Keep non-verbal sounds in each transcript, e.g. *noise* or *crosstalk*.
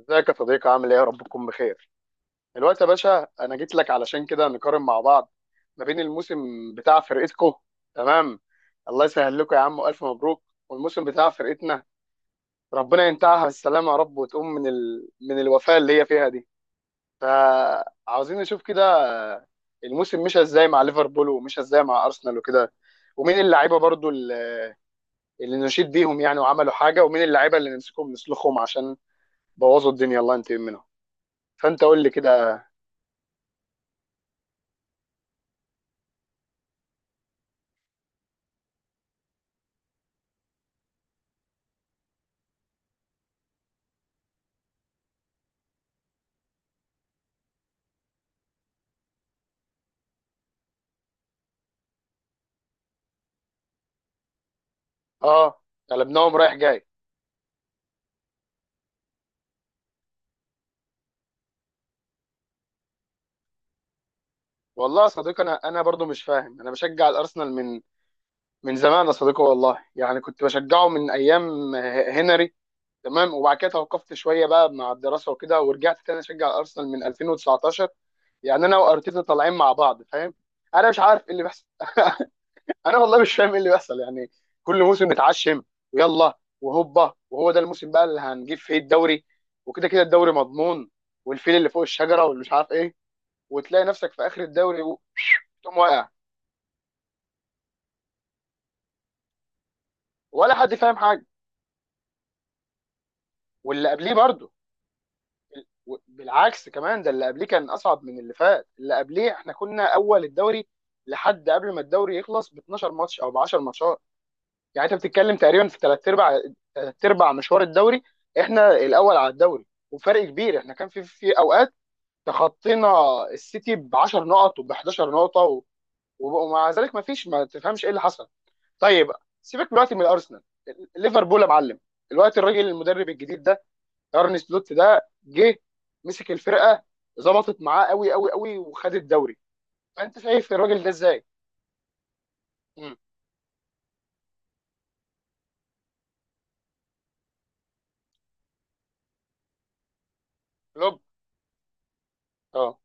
ازيك يا صديقي، عامل ايه؟ يا رب تكون بخير. دلوقتي يا باشا انا جيت لك علشان كده نقارن مع بعض ما بين الموسم بتاع فرقتكو. تمام. الله يسهل لكم يا عم، والف مبروك. والموسم بتاع فرقتنا ربنا ينتهيها بالسلامه يا رب، وتقوم من من الوفاه اللي هي فيها دي. فعاوزين نشوف كده الموسم مشى ازاي مع ليفربول، ومشى ازاي مع ارسنال، وكده. ومين اللعيبه برضو اللي نشيد بيهم يعني وعملوا حاجه، ومين اللعيبه اللي نمسكهم نسلخهم عشان بوظوا الدنيا الله ينتقم منهم. فانت قول لي كده. اه، قلبناهم رايح جاي. والله يا صديقي انا برضو مش فاهم. انا بشجع الارسنال من زمان يا صديقي والله، يعني كنت بشجعه من ايام هنري. تمام، وبعد كده توقفت شويه بقى مع الدراسه وكده، ورجعت تاني اشجع الارسنال من 2019، يعني انا وارتيتا طالعين مع بعض، فاهم؟ انا مش عارف ايه اللي بيحصل *laughs* انا والله مش فاهم ايه اللي بيحصل يعني. كل موسم نتعشم، ويلا وهوبا وهو ده الموسم بقى اللي هنجيب فيه الدوري، وكده كده الدوري مضمون، والفيل اللي فوق الشجره، واللي مش عارف إيه. وتلاقي نفسك في اخر الدوري تقوم واقع. ولا حد فاهم حاجه. واللي قبليه برضه، بالعكس كمان، ده اللي قبليه كان اصعب من اللي فات. اللي قبليه احنا كنا اول الدوري لحد قبل ما الدوري يخلص ب 12 ماتش او ب 10 ماتشات. يعني انت بتتكلم تقريبا في ثلاث ارباع، ثلاث ارباع مشوار الدوري احنا الاول على الدوري وفرق كبير. احنا كان في اوقات تخطينا السيتي ب 10 نقط، وب 11 نقطه، ومع ذلك ما فيش، ما تفهمش ايه اللي حصل. طيب، سيبك دلوقتي من ارسنال، ليفربول يا معلم. دلوقتي الراجل المدرب الجديد ده ارني سلوت ده جه مسك الفرقه، ظبطت معاه قوي قوي قوي، وخد الدوري. فانت شايف الراجل ده ازاي؟ مم. كلوب، اه.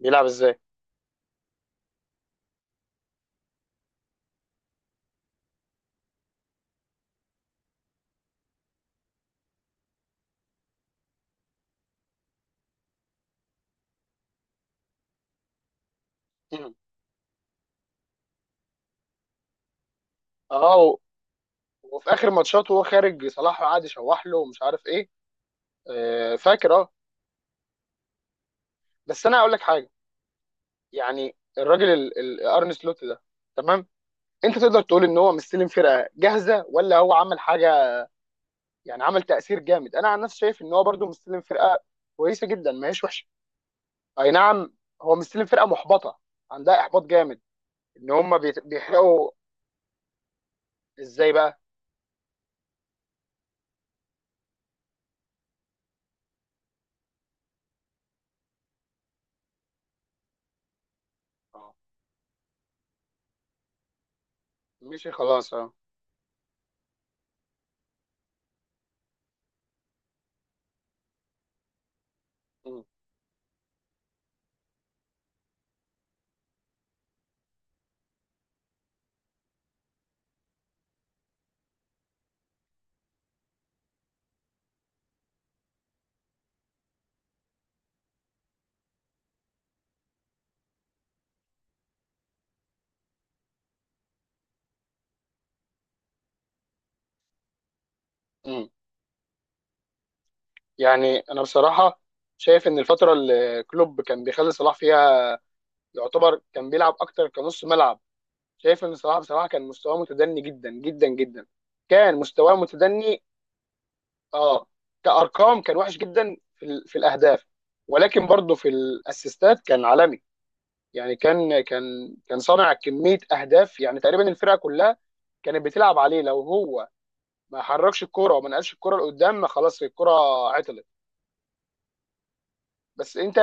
بيلعب ازاي؟ مم. اه، وفي اخر ماتشات وهو خارج صلاح قعد يشوح له ومش عارف ايه. آه، فاكر، اه. بس انا هقول لك حاجه. يعني الراجل ارني سلوت ده، تمام، انت تقدر تقول ان هو مستلم فرقه جاهزه ولا هو عمل حاجه؟ يعني عمل تأثير جامد؟ انا عن نفسي شايف ان هو برضو مستلم فرقة كويسة جدا، ما هيش وحشة. اي نعم، هو مستلم فرقة محبطة، عندها احباط جامد، ان هم بيحرقوا. ازاي بقى؟ آه، مشي خلاص، اه. مم. مم. يعني انا بصراحة شايف ان الفترة اللي كلوب كان بيخلي صلاح فيها يعتبر كان بيلعب اكتر كنص ملعب، شايف ان صلاح بصراحة كان مستواه متدني جدا جدا جدا. كان مستواه متدني، اه. كارقام كان وحش جدا في في الاهداف، ولكن برضه في الاسيستات كان عالمي. يعني كان صانع كميه اهداف، يعني تقريبا الفرقه كلها كانت بتلعب عليه. لو هو ما حركش الكرة وما نقلش الكرة لقدام، ما خلاص الكرة عطلت. بس انت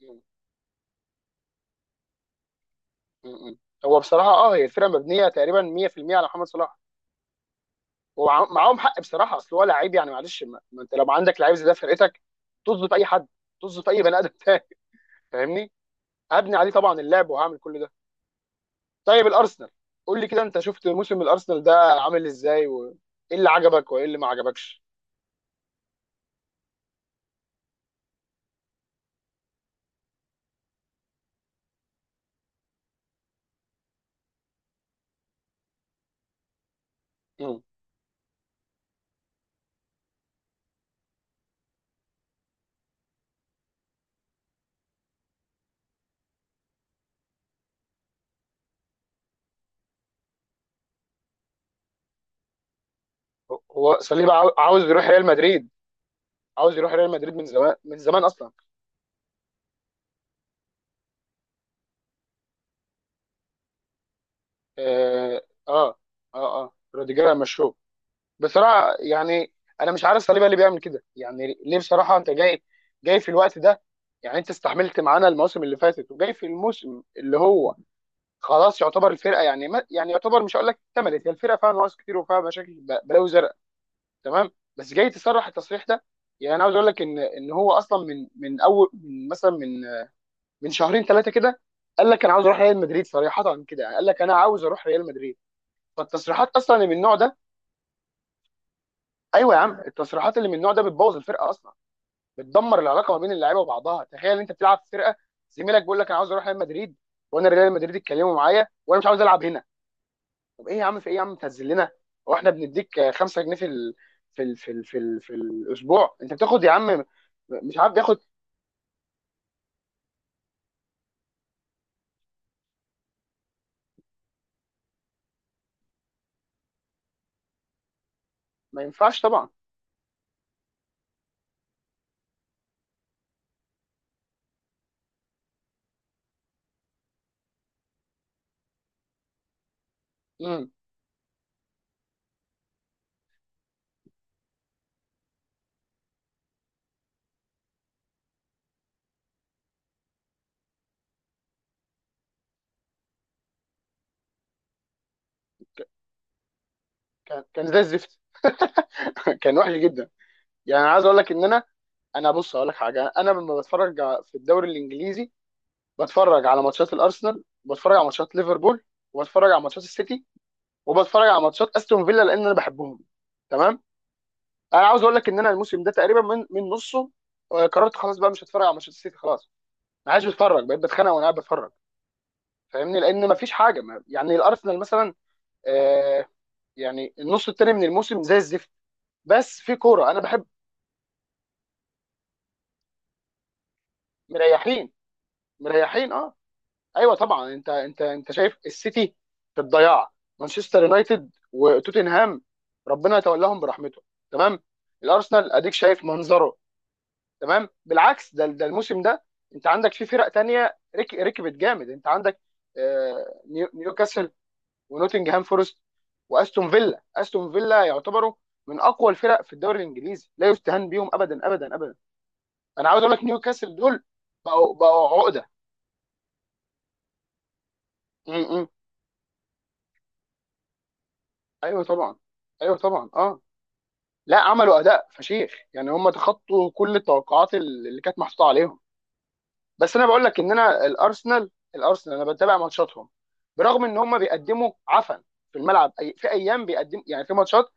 م- م- هو بصراحة، اه، هي الفرقة مبنية تقريبا 100% على محمد صلاح، ومعاهم حق بصراحة. اصل هو لعيب يعني معلش، ما انت لو عندك لعيب زي ده في فرقتك طز في اي حد، طز في اي بني ادم تاني. فاهمني؟ هبني عليه طبعا اللعب، وهعمل كل. طيب الارسنال، قول لي كده، انت شفت موسم الارسنال ده عامل ازاي؟ وايه اللي عجبك، وايه اللي ما عجبكش؟ مم. هو صليبا عاوز يروح ريال مدريد. عاوز يروح ريال مدريد من زمان، من زمان اصلا. اه، اه، اه, آه. روديجير مشوه بصراحه يعني. انا مش عارف صليبا ليه بيعمل كده يعني، ليه؟ بصراحه انت جاي، جاي في الوقت ده؟ يعني انت استحملت معانا المواسم اللي فاتت وجاي في الموسم اللي هو خلاص يعتبر الفرقه يعني، ما يعني، يعتبر، مش هقول لك اكتملت، هي الفرقه فيها نقص كتير وفيها مشاكل بلاوي زرقاء، تمام، بس جاي تصرح التصريح ده. يعني انا عاوز اقول لك ان هو اصلا من اول، من مثلا، من شهرين ثلاثه كده قال لك انا عاوز اروح ريال مدريد، صريحه كده، يعني قال لك انا عاوز اروح ريال مدريد. فالتصريحات اصلا اللي من النوع ده، ايوه يا عم، التصريحات اللي من النوع ده بتبوظ الفرقه اصلا، بتدمر العلاقه ما بين اللعيبه وبعضها. تخيل انت بتلعب في فرقه زميلك بيقول لك انا عاوز اروح ريال مدريد، وانا ريال مدريد اتكلموا معايا وانا مش عاوز العب هنا. طب ايه يا عم؟ في ايه يا عم؟ تنزل، هو احنا بنديك 5 جنيه في في الاسبوع؟ انت بتاخد يا عم. مش عارف بياخد. ما ينفعش طبعا. امم، كان كان زي الزفت *laughs* كان وحش جدا. يعني انا عايز اقول لك ان انا، انا بص اقول لك حاجه. انا لما بتفرج في الدوري الانجليزي بتفرج على ماتشات الارسنال، وبتفرج على ماتشات ليفربول، وبتفرج على ماتشات السيتي، وبتفرج على ماتشات استون فيلا لان انا بحبهم. تمام؟ انا عاوز اقول لك ان انا الموسم ده تقريبا من نصه، آه، قررت خلاص بقى مش هتفرج على ماتشات السيتي خلاص. ما عادش بتفرج، بقيت بتخانق وانا قاعد بتفرج، فاهمني؟ لان ما فيش حاجه، ما يعني الارسنال مثلا آه، يعني النص التاني من الموسم زي الزفت، بس في كوره انا بحب. مريحين، مريحين، اه. ايوه طبعا، انت شايف السيتي في الضياع، مانشستر يونايتد وتوتنهام ربنا يتولاهم برحمته. تمام، الارسنال اديك شايف منظره. تمام، بالعكس، ده ده الموسم ده انت عندك في فرق تانية ركبت جامد. انت عندك آه، نيوكاسل، ونوتنجهام فورست، واستون فيلا. استون فيلا يعتبروا من اقوى الفرق في الدوري الانجليزي، لا يستهان بيهم ابدا ابدا ابدا. انا عاوز اقول لك نيوكاسل دول بقوا، بقوا عقده. م -م. ايوه طبعا، ايوه طبعا، اه. لا، عملوا اداء فشيخ يعني، هم تخطوا كل التوقعات اللي كانت محطوطه عليهم. بس انا بقول لك ان انا الارسنال، الارسنال انا بتابع ماتشاتهم برغم ان هم بيقدموا عفن في الملعب. في ايام بيقدم يعني، في ماتشات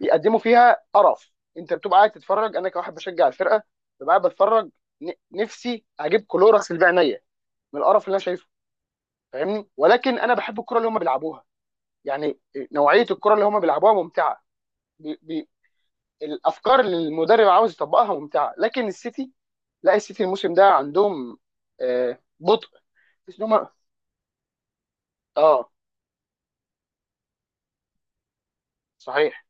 بيقدموا فيها قرف، انت بتبقى قاعد تتفرج. انا كواحد بشجع الفرقه ببقى قاعد بتفرج، نفسي اجيب كلوركس اللي بعينيا من القرف اللي انا شايفه، فاهمني؟ ولكن انا بحب الكره اللي هم بيلعبوها. يعني نوعيه الكره اللي هم بيلعبوها ممتعه، بي بي الافكار اللي المدرب عاوز يطبقها ممتعه. لكن السيتي، لا السيتي الموسم ده عندهم آه، بطء. تحس ان هم، اه، صحيح،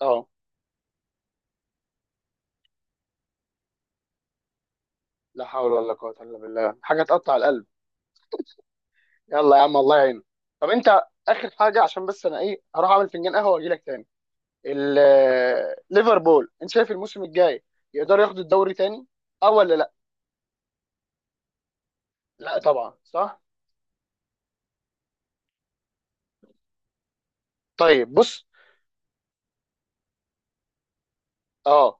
اه. لا حول ولا قوه الا بالله، حاجه تقطع القلب. يلا يا عم، الله يعينك. طب انت، اخر حاجه عشان بس انا ايه، هروح اعمل فنجان قهوه واجي لك تاني. ليفربول، انت شايف الموسم الجاي يقدر ياخد الدوري تاني اه، ولا لا؟ لا طبعا، صح. طيب بص، اه،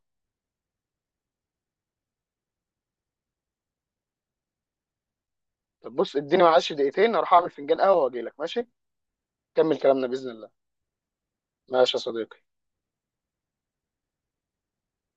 طب بص اديني معلش دقيقتين هروح اعمل فنجان قهوه واجي لك، ماشي؟ كمل كلامنا باذن الله. ماشي يا صديقي.